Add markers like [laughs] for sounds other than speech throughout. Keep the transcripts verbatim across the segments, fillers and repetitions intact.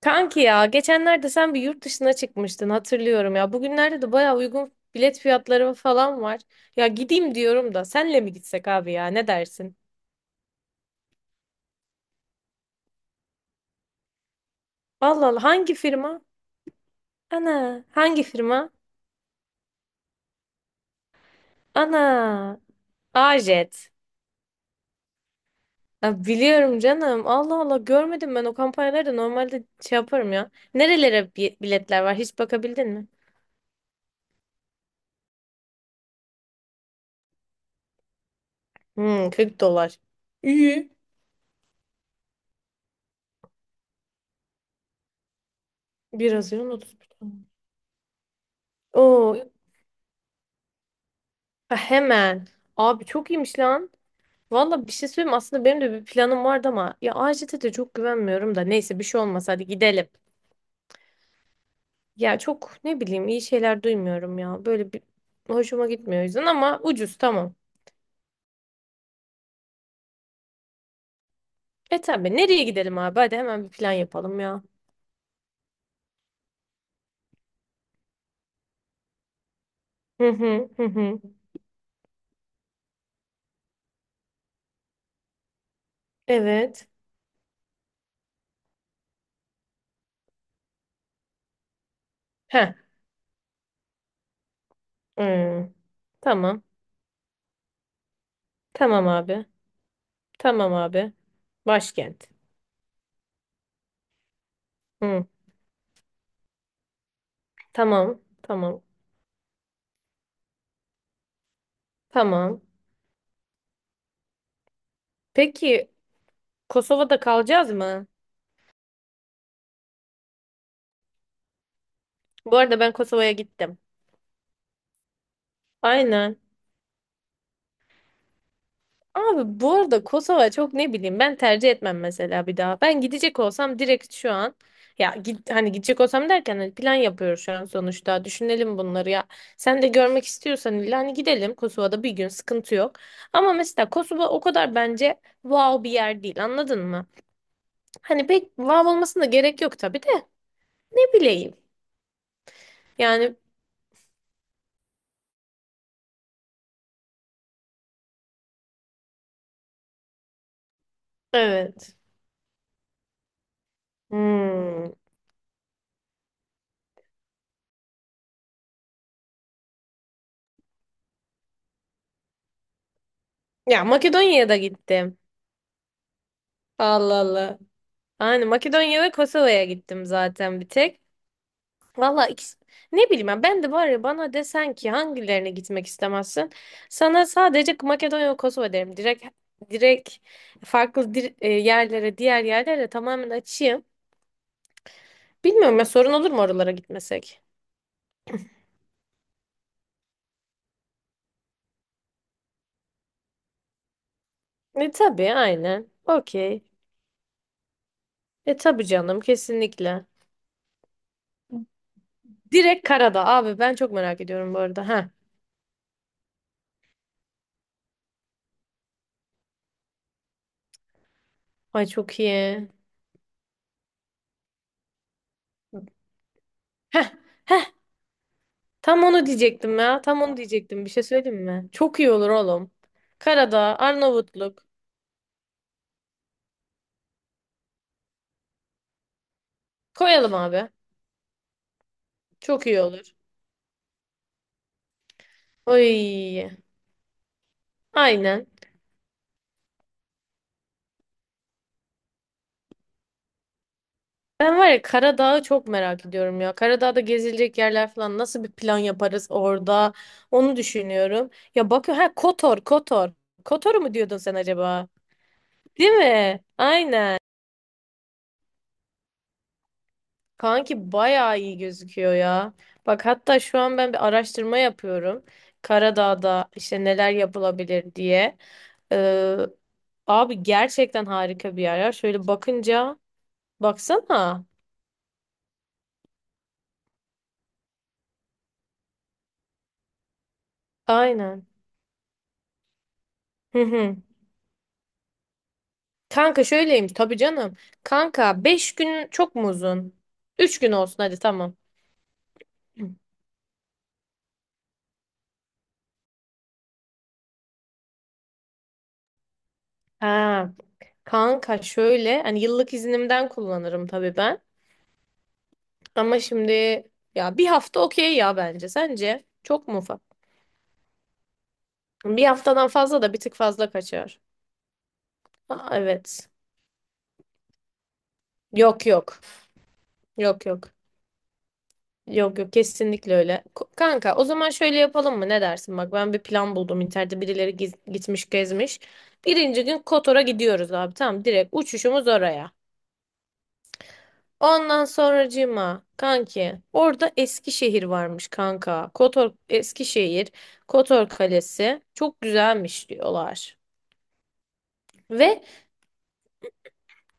Kanki ya geçenlerde sen bir yurt dışına çıkmıştın hatırlıyorum ya. Bugünlerde de baya uygun bilet fiyatları falan var. Ya gideyim diyorum da senle mi gitsek abi ya ne dersin? Allah Allah hangi firma? Ana hangi firma? Ana Ajet. Ya biliyorum canım Allah Allah görmedim ben o kampanyaları da normalde şey yaparım ya. Nerelere bi- biletler var hiç bakabildin mi? Hmm kırk dolar. İyi. Biraz Haziran otuz bir Temmuz. Oo ha, hemen. Abi çok iyiymiş lan. Valla bir şey söyleyeyim mi? Aslında benim de bir planım vardı ama ya A J T'de de çok güvenmiyorum da neyse bir şey olmaz hadi gidelim. Ya çok ne bileyim iyi şeyler duymuyorum ya böyle bir hoşuma gitmiyor o yüzden ama ucuz tamam. E tabi nereye gidelim abi hadi hemen bir plan yapalım ya. Hı hı hı hı. Evet. Heh. Hmm. Tamam. Tamam abi. Tamam abi. Başkent. Hı. Tamam. Tamam. Tamam. Peki Kosova'da kalacağız mı? Bu arada ben Kosova'ya gittim. Aynen. Abi bu arada Kosova çok ne bileyim ben tercih etmem mesela bir daha. Ben gidecek olsam direkt şu an ya git, hani gidecek olsam derken hani plan yapıyoruz şu an sonuçta. Düşünelim bunları ya. Sen de görmek istiyorsan illa hani gidelim Kosova'da bir gün sıkıntı yok. Ama mesela Kosova o kadar bence wow bir yer değil anladın mı? Hani pek wow olmasına gerek yok tabii de ne bileyim. Yani evet. Hmm. Ya Makedonya'ya da gittim. Allah Allah. Aynen Makedonya ve Kosova'ya gittim zaten bir tek. Valla ikisi- ne bileyim ben, ben de var ya bana desen ki hangilerine gitmek istemezsin. Sana sadece Makedonya ve Kosova derim. Direkt direkt farklı dir- e, yerlere, diğer yerlere tamamen açayım. Bilmiyorum ya sorun olur mu oralara gitmesek? E tabii aynen. Okey. E tabii canım kesinlikle. Direkt karada abi ben çok merak ediyorum bu arada. Ha, Ay çok iyi. Heh. Heh. Tam onu diyecektim ya. Tam onu diyecektim. Bir şey söyleyeyim mi? Çok iyi olur oğlum. Karadağ, Arnavutluk. Koyalım abi. Çok iyi olur. Oy. Aynen. Ben var ya Karadağ'ı çok merak ediyorum ya. Karadağ'da gezilecek yerler falan nasıl bir plan yaparız orada? Onu düşünüyorum. Ya bakıyor ha Kotor, Kotor. Kotor mu diyordun sen acaba? Değil mi? Aynen. Kanki bayağı iyi gözüküyor ya. Bak hatta şu an ben bir araştırma yapıyorum. Karadağ'da işte neler yapılabilir diye. Ee, abi gerçekten harika bir yer ya. Şöyle bakınca Baksana. Aynen. Hı hı. Kanka şöyleymiş tabii canım. Kanka beş gün çok mu uzun? Üç gün olsun hadi tamam. Hı. Ha, kanka şöyle hani yıllık iznimden kullanırım tabii ben. Ama şimdi ya bir hafta okey ya bence. Sence çok mu ufak? Bir haftadan fazla da bir tık fazla kaçar. Aa, evet. Yok yok. Yok yok. Yok yok kesinlikle öyle. Ko- Kanka o zaman şöyle yapalım mı? Ne dersin? Bak ben bir plan buldum internette birileri giz- gitmiş gezmiş. Birinci gün Kotor'a gidiyoruz abi tamam direkt uçuşumuz oraya. Ondan sonracığıma kanki orada Eskişehir varmış kanka. Kotor Eskişehir, Kotor Kalesi çok güzelmiş diyorlar. Ve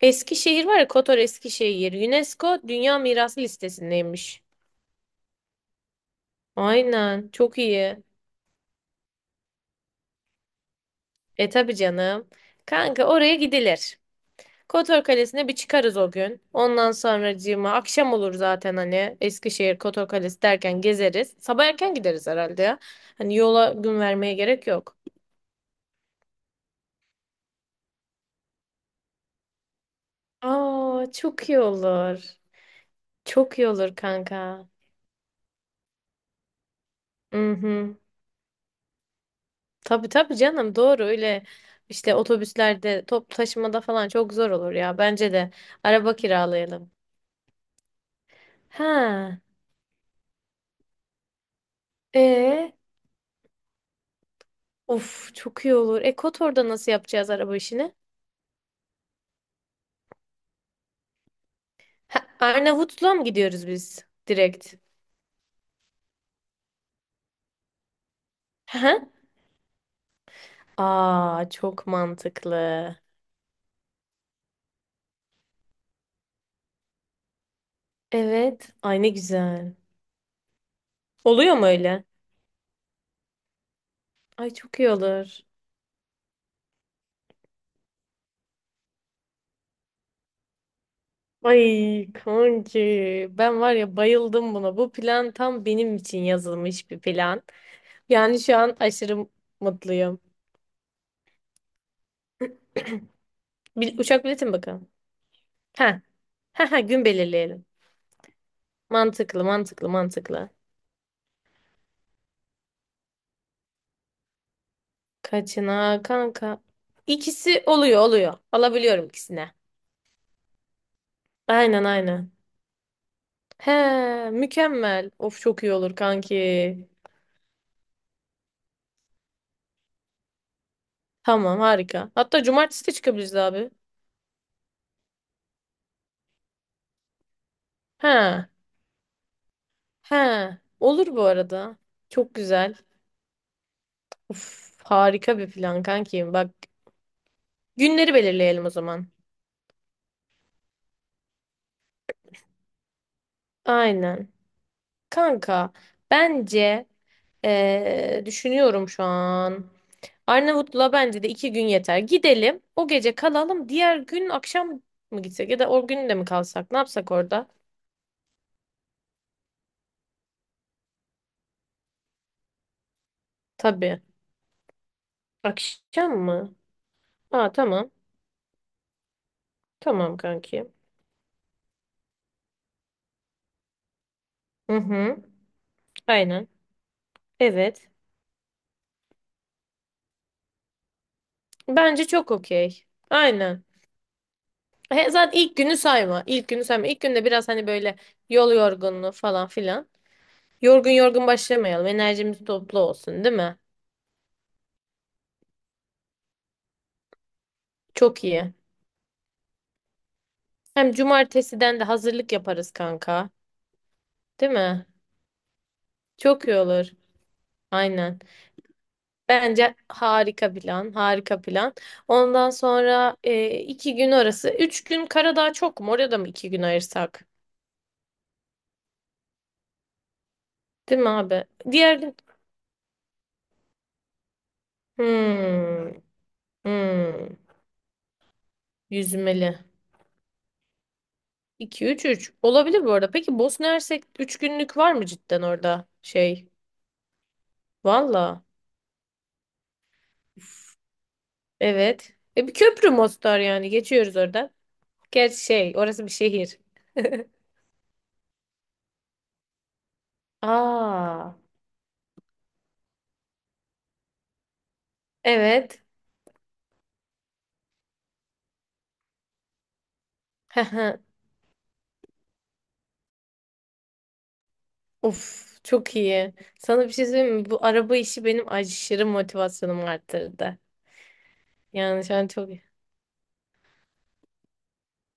Eskişehir var ya Kotor Eskişehir UNESCO Dünya Mirası listesindeymiş. Aynen çok iyi. E tabi canım. Kanka oraya gidilir. Kotor Kalesi'ne bir çıkarız o gün. Ondan sonracığıma akşam olur zaten hani Eskişehir Kotor Kalesi derken gezeriz. Sabah erken gideriz herhalde ya. Hani yola gün vermeye gerek yok. Aa çok iyi olur. Çok iyi olur kanka. Mhm. Tabii tabii canım doğru öyle işte otobüslerde top taşımada falan çok zor olur ya. Bence de araba kiralayalım. Ha. E of çok iyi olur. E Kotor'da nasıl yapacağız araba işini? Ha, Arnavutluğa mı gidiyoruz biz direkt? Hı hı. Aa çok mantıklı. Evet. Ay ne güzel. Oluyor mu öyle? Ay çok iyi olur. Ay kanki ben var ya bayıldım buna. Bu plan tam benim için yazılmış bir plan. Yani şu an aşırı mutluyum. Bil- uçak bileti mi bakalım? Ha. Ha ha gün belirleyelim. Mantıklı mantıklı mantıklı. Kaçına kanka? İkisi oluyor oluyor. Alabiliyorum ikisine. Aynen aynen. He, mükemmel. Of çok iyi olur kanki. Tamam harika. Hatta cumartesi de çıkabiliriz abi. He. He. Olur bu arada. Çok güzel. Of harika bir plan kanki. Bak günleri belirleyelim o zaman. Aynen. Kanka bence eee, düşünüyorum şu an. Arnavutlu'la bence de iki gün yeter. Gidelim. O gece kalalım. Diğer gün akşam mı gitsek ya da o gün de mi kalsak? Ne yapsak orada? Tabii. Akşam mı? Aa tamam. Tamam kanki. Hı hı. Aynen. Evet. Bence çok okey. Aynen. He, zaten ilk günü sayma. İlk günü sayma. İlk günde biraz hani böyle yol yorgunluğu falan filan. Yorgun yorgun başlamayalım. Enerjimiz toplu olsun, değil mi? Çok iyi. Hem cumartesiden de hazırlık yaparız kanka. Değil mi? Çok iyi olur. Aynen. Bence harika plan, harika plan. Ondan sonra e, iki gün arası. Üç gün Karadağ çok mu? Oraya da mı iki gün ayırsak? Değil mi abi? Diğer gün... Hmm, hmm, yüzmeli. İki üç, üç. Olabilir bu arada. Peki Bosna Hersek üç günlük var mı cidden orada? Şey, valla. Evet. E bir köprü Mostar yani. Geçiyoruz oradan. Gerçi şey, orası bir şehir. Aa, evet. [laughs] Of çok iyi. Sana bir şey söyleyeyim mi? Bu araba işi benim aşırı motivasyonumu arttırdı. Yani şu an çok iyi.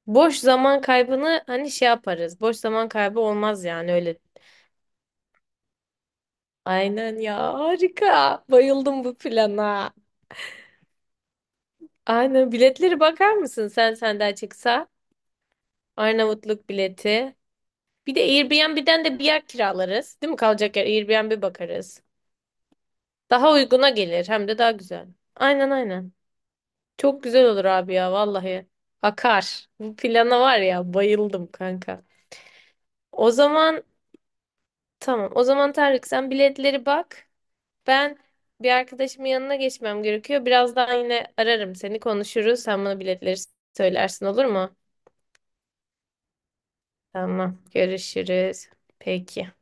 Boş zaman kaybını hani şey yaparız. Boş zaman kaybı olmaz yani öyle. Aynen ya harika. Bayıldım bu plana. Aynen biletleri bakar mısın sen senden çıksa? Arnavutluk bileti. Bir de Airbnb'den de bir yer kiralarız. Değil mi kalacak yer? Airbnb bakarız. Daha uyguna gelir hem de daha güzel. Aynen aynen. Çok güzel olur abi ya vallahi. Akar. Bu plana var ya bayıldım kanka. O zaman tamam. O zaman Tarık sen biletleri bak. Ben bir arkadaşımın yanına geçmem gerekiyor. Birazdan yine ararım seni konuşuruz. Sen bana biletleri söylersin olur mu? Tamam. Görüşürüz. Peki.